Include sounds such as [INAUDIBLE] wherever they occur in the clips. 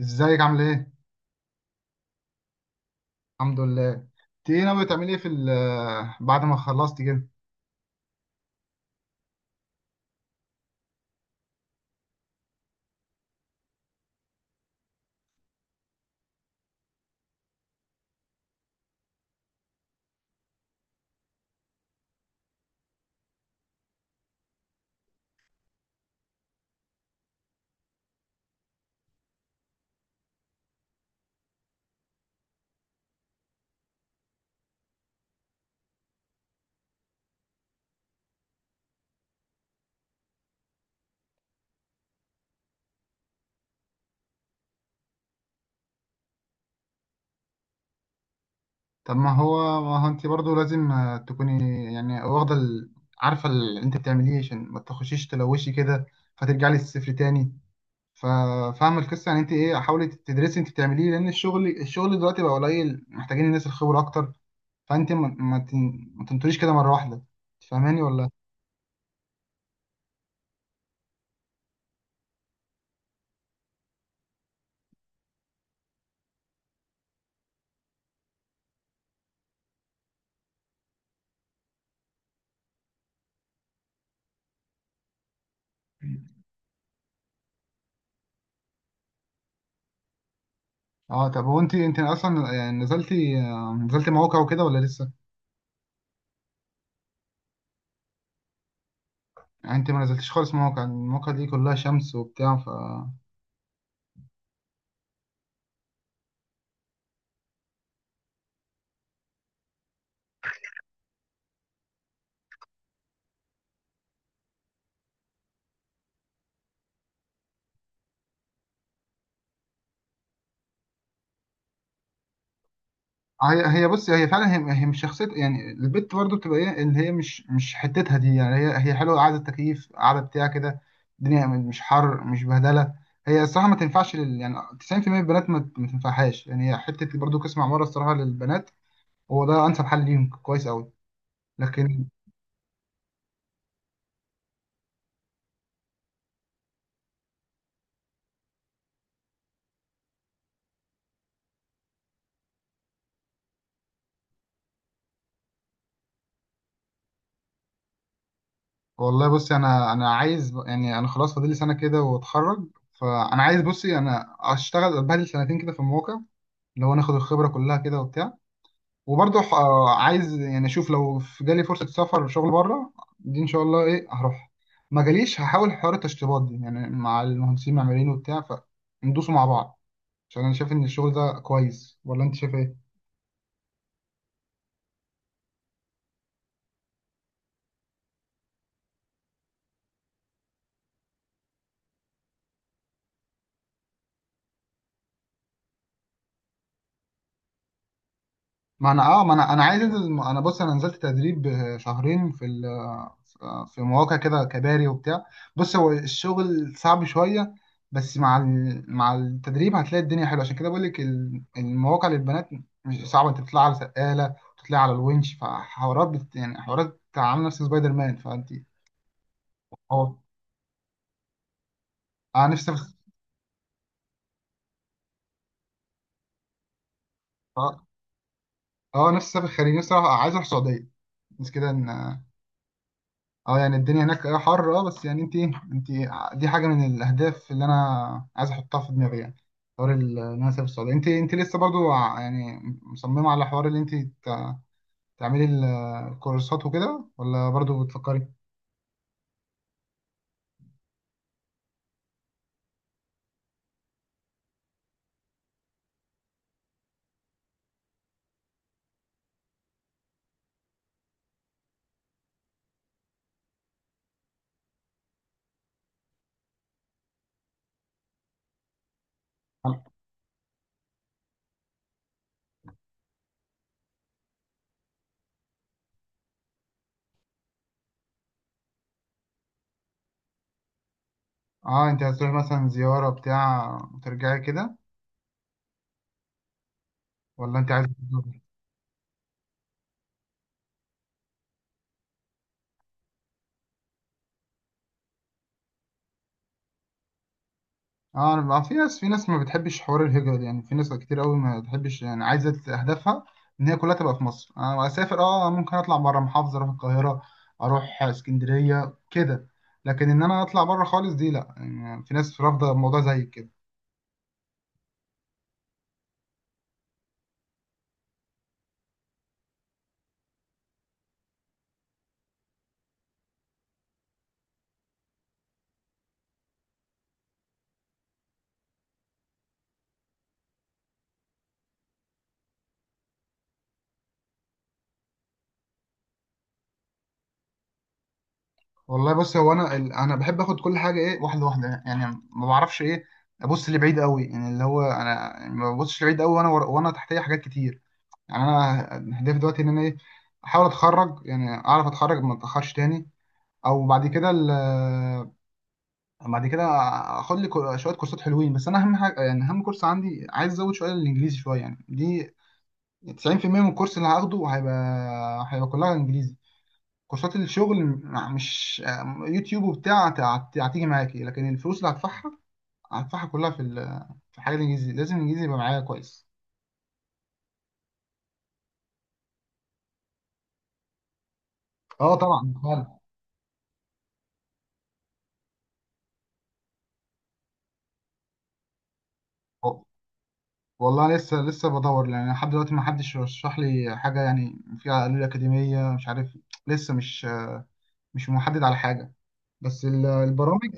ازيك عامل ايه؟ الحمد لله، انت ايه ناوي تعملي ايه في بعد ما خلصتي كده؟ طب ما هو انت برضو لازم تكوني يعني واخدة عارفة اللي انت بتعمليه عشان ما تخشيش تلوشي كده فترجعي للصفر تاني. ففاهم القصة، يعني انت ايه، حاولي تدرسي انت بتعمليه، لان الشغل دلوقتي بقى قليل، محتاجين الناس الخبرة اكتر. فانت ما تنطريش كده مرة واحدة. فاهماني ولا؟ اه طب هو انت اصلا، يعني نزلتي مواقع وكده ولا لسه؟ يعني انت ما نزلتش خالص مواقع، المواقع دي كلها شمس وبتاع، ف... هي هي بص هي فعلا هي, هي مش شخصيه، يعني البت برضو بتبقى ايه اللي هي مش حتتها دي. يعني هي حلوه، قاعده تكييف قاعده بتاع كده، الدنيا مش حر مش بهدله. هي الصراحه ما تنفعش لل... يعني 90% من البنات ما تنفعهاش. يعني هي حته برضو قسم عماره، الصراحه للبنات هو ده انسب حل ليهم، كويس قوي. لكن... والله بصي، انا عايز، يعني انا خلاص فاضل لي سنه كده واتخرج. فانا عايز، بصي انا اشتغل بهدل سنتين كده في المواقع، لو ناخد الخبرة كلها كده وبتاع. وبرضه عايز يعني اشوف لو في جالي فرصة سفر وشغل بره دي، ان شاء الله ايه هروح. ما جاليش هحاول حوار التشطيبات دي يعني مع المهندسين المعماريين وبتاع، فندوسوا مع بعض. عشان انا شايف ان الشغل ده كويس، ولا انت شايف ايه؟ ما انا عايز انزل. انا بص، انا نزلت تدريب شهرين في في مواقع كده، كباري وبتاع. بص هو الشغل صعب شويه، بس مع مع التدريب هتلاقي الدنيا حلوه. عشان كده بقول لك المواقع للبنات مش صعبه، انت بتطلع على سقاله وتطلع على الونش، فحوارات بت يعني حوارات عامله نفس سبايدر مان، فانت... اه انا نفسي أسافر. اه، نفسي اسافر خارج. نفسي أروح، عايز اروح السعوديه، بس كده. ان اه يعني الدنيا هناك اه حر اه، بس يعني انت، انت، دي حاجه من الاهداف اللي انا عايز احطها في دماغي. يعني حوار ان انا اسافر السعوديه. انت لسه برضو ع- يعني مصممه على حوار اللي انت تعملي الكورسات وكده ولا برضو بتفكري؟ اه انت هتروحي مثلا زياره بتاع وترجعي كده ولا انت عايز... اه، أنا بقى في ناس، ما بتحبش حوار الهجرة. يعني في ناس كتير قوي ما بتحبش، يعني عايزة أهدافها إن هي كلها تبقى في مصر. أنا أسافر، اه، ممكن أطلع بره محافظة، أروح القاهرة، أروح اسكندرية كده، لكن إن أنا أطلع بره خالص دي لأ. يعني في ناس رافضة الموضوع زي كده. والله بص، هو أنا أنا بحب آخد كل حاجة إيه، واحدة واحدة، يعني ما بعرفش إيه أبص لبعيد قوي. يعني اللي هو أنا، يعني ما ببصش لبعيد قوي وأنا وأنا تحتية حاجات كتير. يعني أنا هدفي دلوقتي إن أنا إيه، أحاول أتخرج، يعني أعرف أتخرج ما أتأخرش تاني. او بعد كده بعد كده اخد لي شويه كورسات حلوين. بس انا اهم حاجه، يعني اهم كورس عندي، عايز ازود شويه الانجليزي شويه، يعني دي 90% من الكورس اللي هاخده هيبقى، كلها انجليزي. كورسات الشغل مش، يوتيوب وبتاع هتيجي معاكي، لكن الفلوس اللي هدفعها، كلها في في الحاجات الانجليزي. لازم الانجليزي يبقى معايا كويس. اه طبعا فعلا. والله لسه، بدور لان لحد دلوقتي ما حدش رشح لي حاجه. يعني فيها قالوا لي اكاديميه، مش عارف، لسه مش، مش محدد على حاجه، بس البرامج...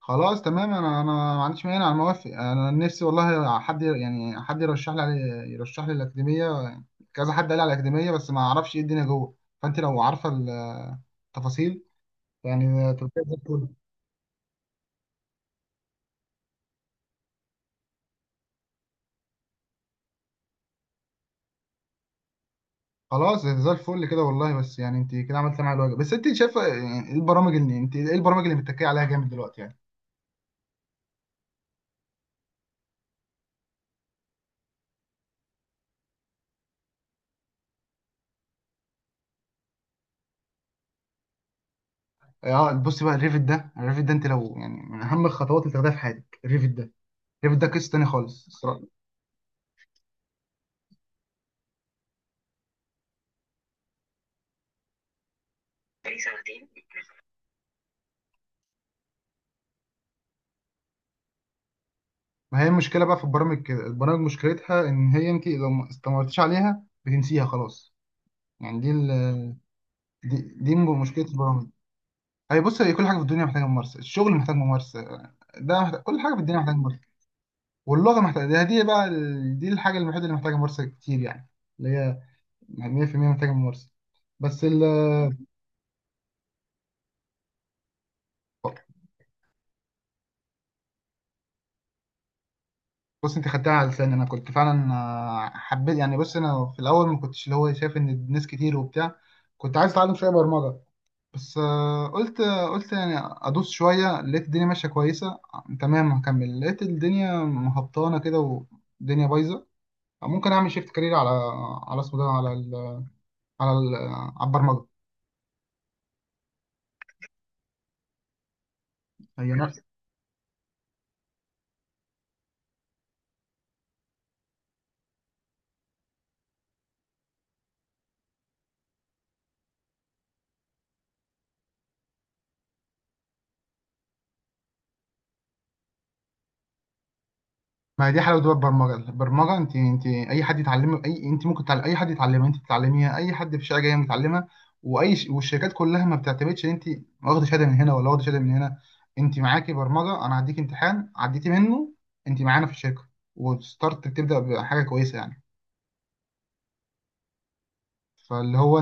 خلاص تمام، انا ما عنديش مانع، انا موافق، انا نفسي والله حد، يعني حد يرشح لي يرشح لي الاكاديميه. كذا حد قال لي على الاكاديميه، بس ما اعرفش ايه الدنيا جوه. فانت لو عارفه التفاصيل، يعني تبقى زي الفل. خلاص زي الفل كده، والله بس يعني انت كده عملت معايا الواجب. بس انت شايفه يعني ايه البرامج اللي انت، ايه البرامج اللي متكيه عليها جامد دلوقتي يعني؟ اه بص بقى، الريفت ده، الريفت ده انت لو يعني من اهم الخطوات اللي تاخدها في حياتك الريفت ده. الريفت ده قصه تانيه خالص. بقالي سنتين. ما هي المشكله بقى في البرامج كده، البرامج مشكلتها ان هي انت لو ما استمرتيش عليها بتنسيها خلاص. يعني دي ال... دي, دي مشكله البرامج. هي بص، هي كل حاجه في الدنيا محتاجه ممارسه، الشغل محتاج ممارسه، ده محتاج... كل حاجه في الدنيا محتاجه ممارسه. واللغه محتاجه، ده دي بقى ال... دي الحاجه الوحيده اللي محتاجه ممارسه كتير، يعني اللي هي 100% محتاجه ممارسه. بس ال... بص انت خدتها على لساني، انا كنت فعلا حبيت يعني، بص انا في الاول ما كنتش اللي هو شايف ان الناس كتير وبتاع. كنت عايز اتعلم شويه برمجه، بس قلت، يعني ادوس شويه. لقيت الدنيا ماشيه كويسه تمام، هكمل، لقيت الدنيا مهبطانه كده والدنيا بايظه، ممكن اعمل شيفت كارير على، على اسمه ده، على ال، على ال، على البرمجه. هي نفس... ما هي دي حلاوه بقى البرمجه. انت اي حد يتعلم اي، انت ممكن تعلم اي حد يتعلمها. انت بتتعلميها، اي حد في الشارع جاي متعلمها. واي ش... والشركات كلها ما بتعتمدش ان انت واخده شهاده من هنا ولا واخده شهاده من هنا. انت معاكي برمجه، انا هديك امتحان عديتي منه انت معانا في الشركه، وستارت بتبدا بحاجه كويسه يعني. فاللي هو،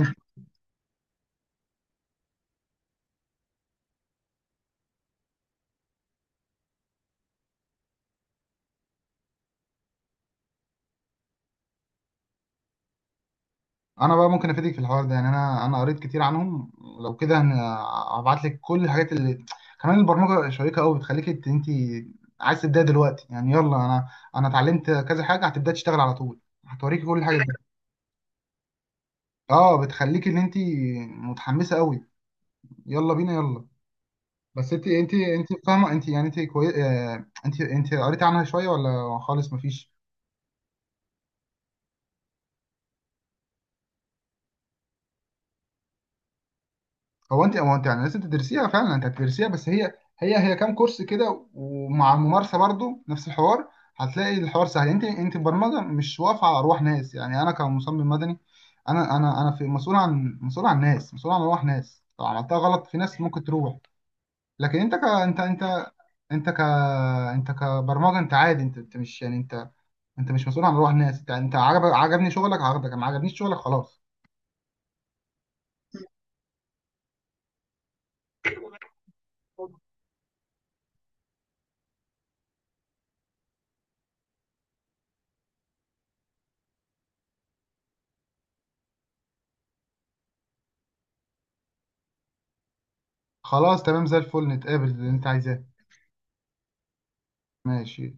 انا بقى ممكن افيدك في الحوار ده، يعني انا قريت كتير عنهم. لو كده هبعت لك كل الحاجات اللي [TSK] كمان. البرمجه شيقه قوي، بتخليك انت عايز تبداي دلوقتي، يعني يلا، انا، انا اتعلمت كذا حاجه، هتبداي تشتغل على طول، هتوريكي كل الحاجات دي. [LAUGHS] اه، بتخليك ان انت متحمسه قوي، يلا بينا يلا. بس انت فاهمه، انت يعني انت كوي... انت قريت عنها شويه ولا خالص مفيش؟ هو انت يعني لازم تدرسيها، فعلا انت هتدرسيها، بس هي هي كام كورس كده ومع الممارسه برضو نفس الحوار، هتلاقي الحوار سهل. انت البرمجه مش واقفه على ارواح ناس يعني. انا كمصمم مدني، انا في مسؤول عن، مسؤول عن ناس، مسؤول عن ارواح ناس، لو عملتها غلط في ناس ممكن تروح. لكن انت ك، انت انت ك، انت كبرمجه انت عادي، انت مش يعني انت، انت مش مسؤول عن ارواح ناس. انت عجب عجبني شغلك عجبك، ما عجبنيش شغلك خلاص. خلاص تمام زي الفل، نتقابل اللي انت عايزاه. ماشي.